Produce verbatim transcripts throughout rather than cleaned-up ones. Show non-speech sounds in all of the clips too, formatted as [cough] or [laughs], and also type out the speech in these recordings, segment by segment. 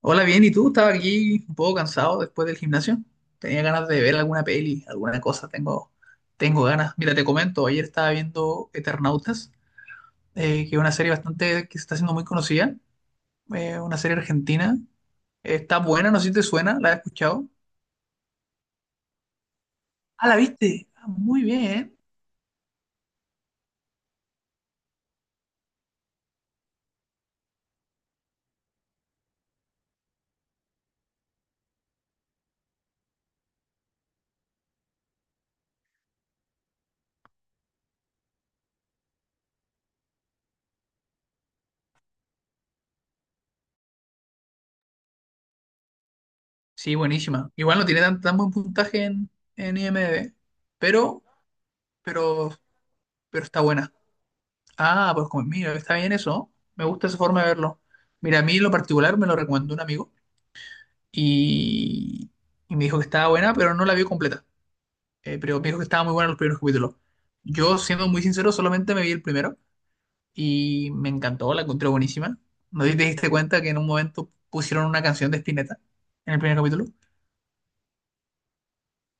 Hola, bien, ¿y tú? Estaba aquí un poco cansado después del gimnasio. Tenía ganas de ver alguna peli, alguna cosa. Tengo, tengo ganas. Mira, te comento, ayer estaba viendo Eternautas, eh, que es una serie bastante que se está haciendo muy conocida, eh, una serie argentina. Está buena, no sé si te suena, ¿la has escuchado? Ah, ¿la viste? Ah, muy bien. Sí, buenísima. Igual no tiene tan, tan buen puntaje en, en IMDb, pero, pero, pero está buena. Ah, pues como- mira, está bien eso, ¿no? Me gusta esa forma de verlo. Mira, a mí en lo particular me lo recomendó un amigo y, y me dijo que estaba buena, pero no la vio completa. Eh, pero me dijo que estaba muy buena los primeros capítulos. Yo, siendo muy sincero, solamente me vi el primero y me encantó, la encontré buenísima. ¿No te diste cuenta que en un momento pusieron una canción de Spinetta en el primer capítulo?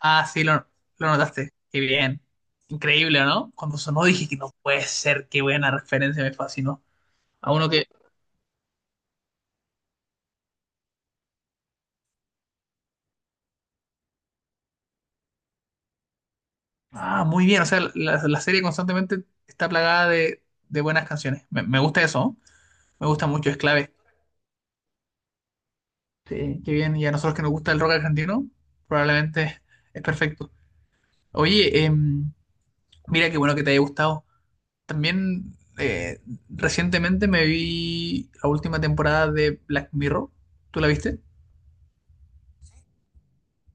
Ah, sí, lo, lo notaste. Qué bien. Increíble, ¿no? Cuando sonó dije que no puede ser, qué buena referencia, me fascinó. A uno que Ah, muy bien. O sea, la, la serie constantemente está plagada de, de buenas canciones. Me, me gusta eso, ¿no? Me gusta mucho, es clave. Sí, qué bien. Y a nosotros que nos gusta el rock argentino, probablemente es perfecto. Oye, em, mira qué bueno que te haya gustado. También eh, recientemente me vi la última temporada de Black Mirror. ¿Tú la viste?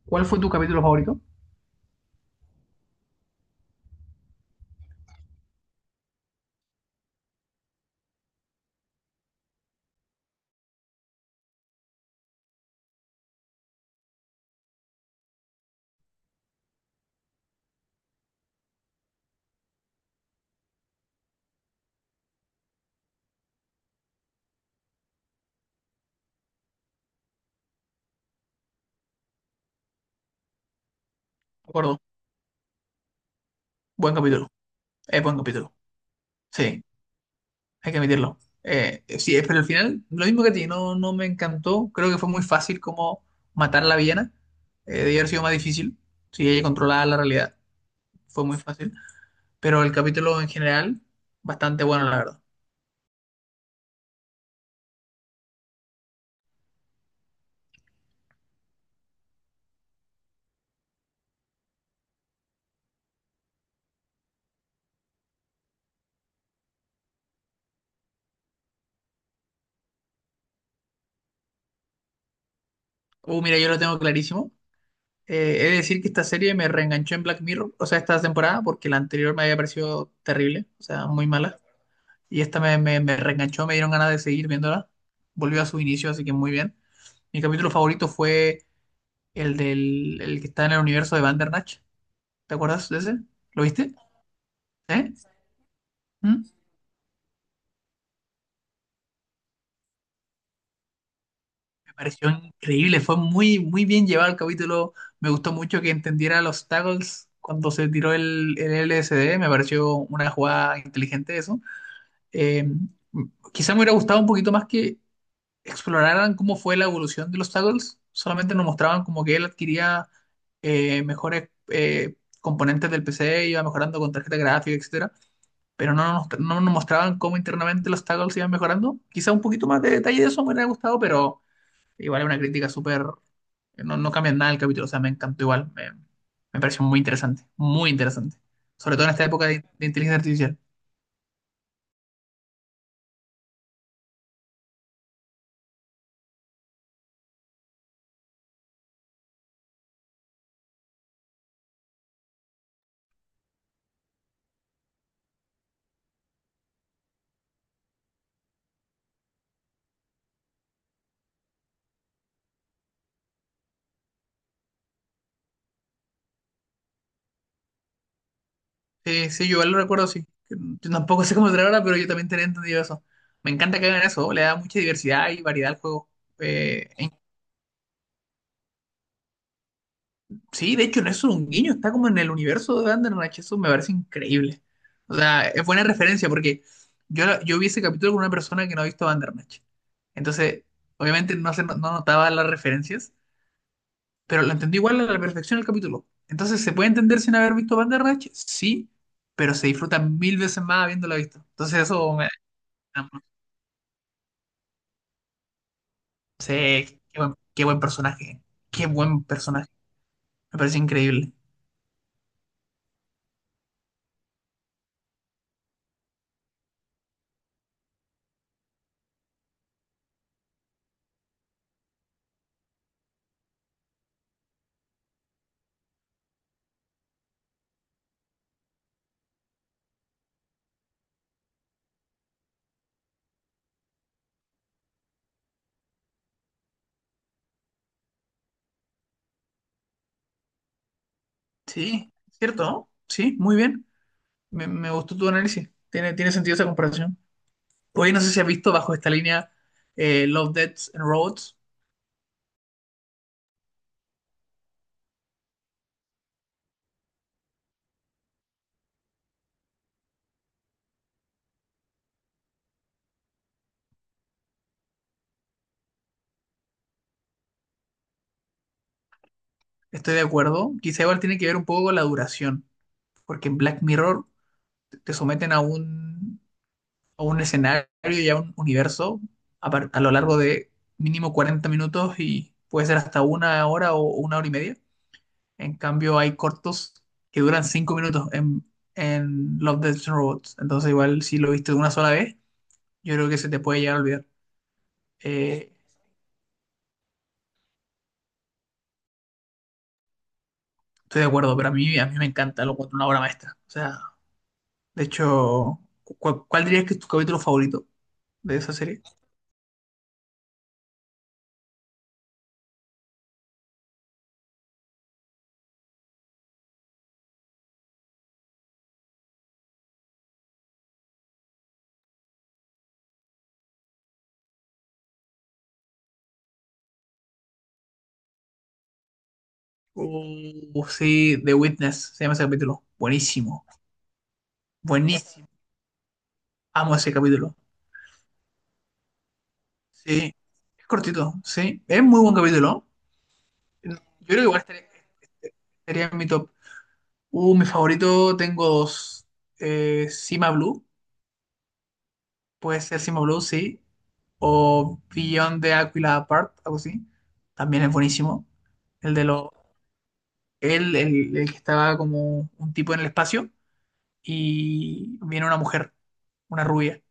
¿Cuál fue tu capítulo favorito? Me acuerdo. Buen capítulo. Es buen capítulo. Sí. Hay que admitirlo. Eh, sí, eh, pero al final, lo mismo que a ti, no, no me encantó. Creo que fue muy fácil como matar a la villana. Eh, debió haber sido más difícil. Si ella controlaba la realidad, fue muy fácil. Pero el capítulo en general, bastante bueno, la verdad. Uh, mira, yo lo tengo clarísimo. Eh, he de decir que esta serie me reenganchó en Black Mirror, o sea, esta temporada, porque la anterior me había parecido terrible, o sea, muy mala. Y esta me, me, me reenganchó, me dieron ganas de seguir viéndola. Volvió a su inicio, así que muy bien. Mi capítulo favorito fue El del el que está en el universo de Bandersnatch. ¿Te acuerdas de ese? ¿Lo viste? ¿Eh? ¿Mm? Me pareció increíble, fue muy, muy bien llevado el capítulo. Me gustó mucho que entendiera los tackles cuando se tiró el, el L S D. Me pareció una jugada inteligente eso. Eh, Quizá me hubiera gustado un poquito más que exploraran cómo fue la evolución de los tackles. Solamente nos mostraban como que él adquiría eh, mejores eh, componentes del P C, iba mejorando con tarjeta gráfica, etcétera, pero no nos, no nos mostraban cómo internamente los tackles iban mejorando. Quizá un poquito más de detalle de eso me hubiera gustado, pero igual es una crítica súper. No, no cambia nada el capítulo, o sea, me encantó igual, me, me pareció muy interesante, muy interesante, sobre todo en esta época de, de inteligencia artificial. Sí, sí, yo igual lo recuerdo, sí. Yo tampoco [laughs] sé cómo será ahora, pero yo también tenía entendido eso. Me encanta que hagan eso, le da mucha diversidad y variedad al juego. Eh, Sí, de hecho, no es un guiño, está como en el universo de Bandersnatch, eso me parece increíble. O sea, es buena referencia porque yo, yo vi ese capítulo con una persona que no ha visto Bandersnatch. Entonces, obviamente no, se, no no notaba las referencias, pero lo entendí igual a la perfección el capítulo. Entonces, ¿se puede entender sin haber visto Bandersnatch? Sí, pero se disfruta mil veces más habiéndolo visto. Entonces, eso me. Sí, qué buen, qué buen personaje, qué buen personaje, me parece increíble. Sí, ¿cierto? ¿No? Sí, muy bien. Me, me gustó tu análisis. Tiene, tiene sentido esa comparación. Hoy no sé si has visto bajo esta línea eh, Love, Deaths and Robots. Estoy de acuerdo. Quizá igual tiene que ver un poco con la duración, porque en Black Mirror te someten a un, a un escenario y a un universo a, par- a lo largo de mínimo cuarenta minutos y puede ser hasta una hora o una hora y media. En cambio, hay cortos que duran cinco minutos en, en, Love, Deaths and Robots. Entonces, igual si lo viste una sola vez, yo creo que se te puede llegar a olvidar. Eh, Estoy de acuerdo, pero a mí, a mí me encanta, lo encuentro una obra maestra. O sea, de hecho, ¿cuál, cuál dirías que es tu capítulo favorito de esa serie? Uh, sí, The Witness, se llama ese capítulo. Buenísimo, buenísimo. Amo ese capítulo. Sí, es cortito, sí. Es muy buen capítulo. Yo creo que igual estaría, estaría en mi top. Uh, mi favorito tengo dos. Eh, Cima Blue. Puede ser Simo Blue, sí. O Beyond the Aquila Apart, algo así. También es buenísimo. El de los. Él, el, el que estaba como un tipo en el espacio. Y viene una mujer, una rubia.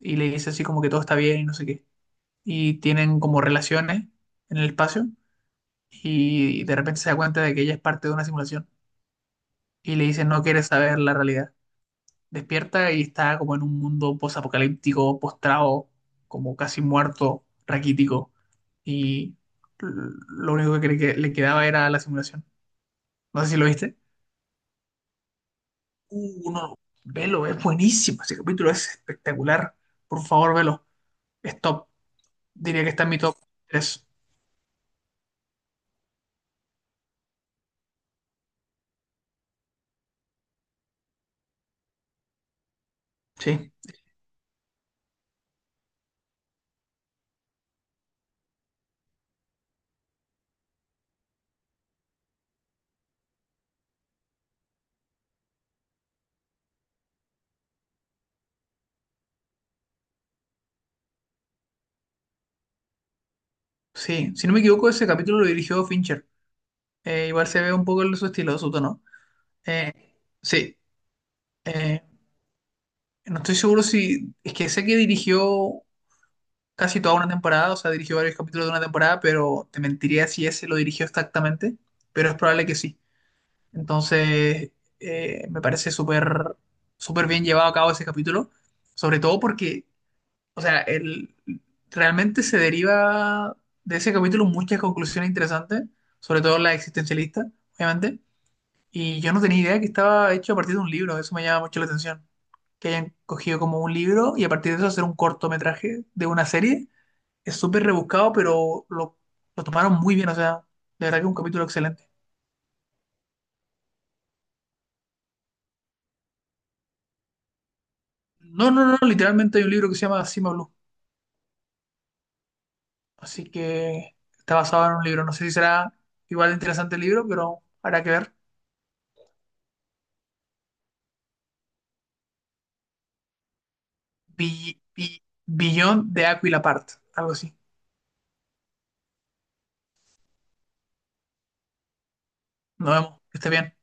Y le dice así como que todo está bien y no sé qué. Y tienen como relaciones en el espacio. Y de repente se da cuenta de que ella es parte de una simulación. Y le dice, no quieres saber la realidad. Despierta y está como en un mundo posapocalíptico, postrado, como casi muerto, raquítico. Y l- lo único que, cre- que le quedaba era la simulación. No sé si lo viste. Uh, no, velo, es buenísimo. Ese capítulo es espectacular. Por favor, velo. Es top. Diría que está en mi top tres. Sí, sí. Si no me equivoco, ese capítulo lo dirigió Fincher. Eh, igual se ve un poco el- su estilo, su tono. Eh, sí. Eh, no estoy seguro si. Es que sé que dirigió casi toda una temporada, o sea, dirigió varios capítulos de una temporada, pero te mentiría si ese lo dirigió exactamente, pero es probable que sí. Entonces, eh, me parece súper súper bien llevado a cabo ese capítulo, sobre todo porque, o sea, el, realmente se deriva de ese capítulo muchas conclusiones interesantes, sobre todo la existencialista, obviamente, y yo no tenía idea que estaba hecho a partir de un libro, eso me llama mucho la atención. Que hayan cogido como un libro y a partir de eso hacer un cortometraje de una serie es súper rebuscado, pero lo, lo tomaron muy bien, o sea, de verdad que es un capítulo excelente. No, no, no, literalmente hay un libro que se llama Cima Blue, así que está basado en un libro. No sé si será igual de interesante el libro, pero habrá que ver. Bi- bi- Billón de Aquila Part, algo así. Nos vemos, que esté bien.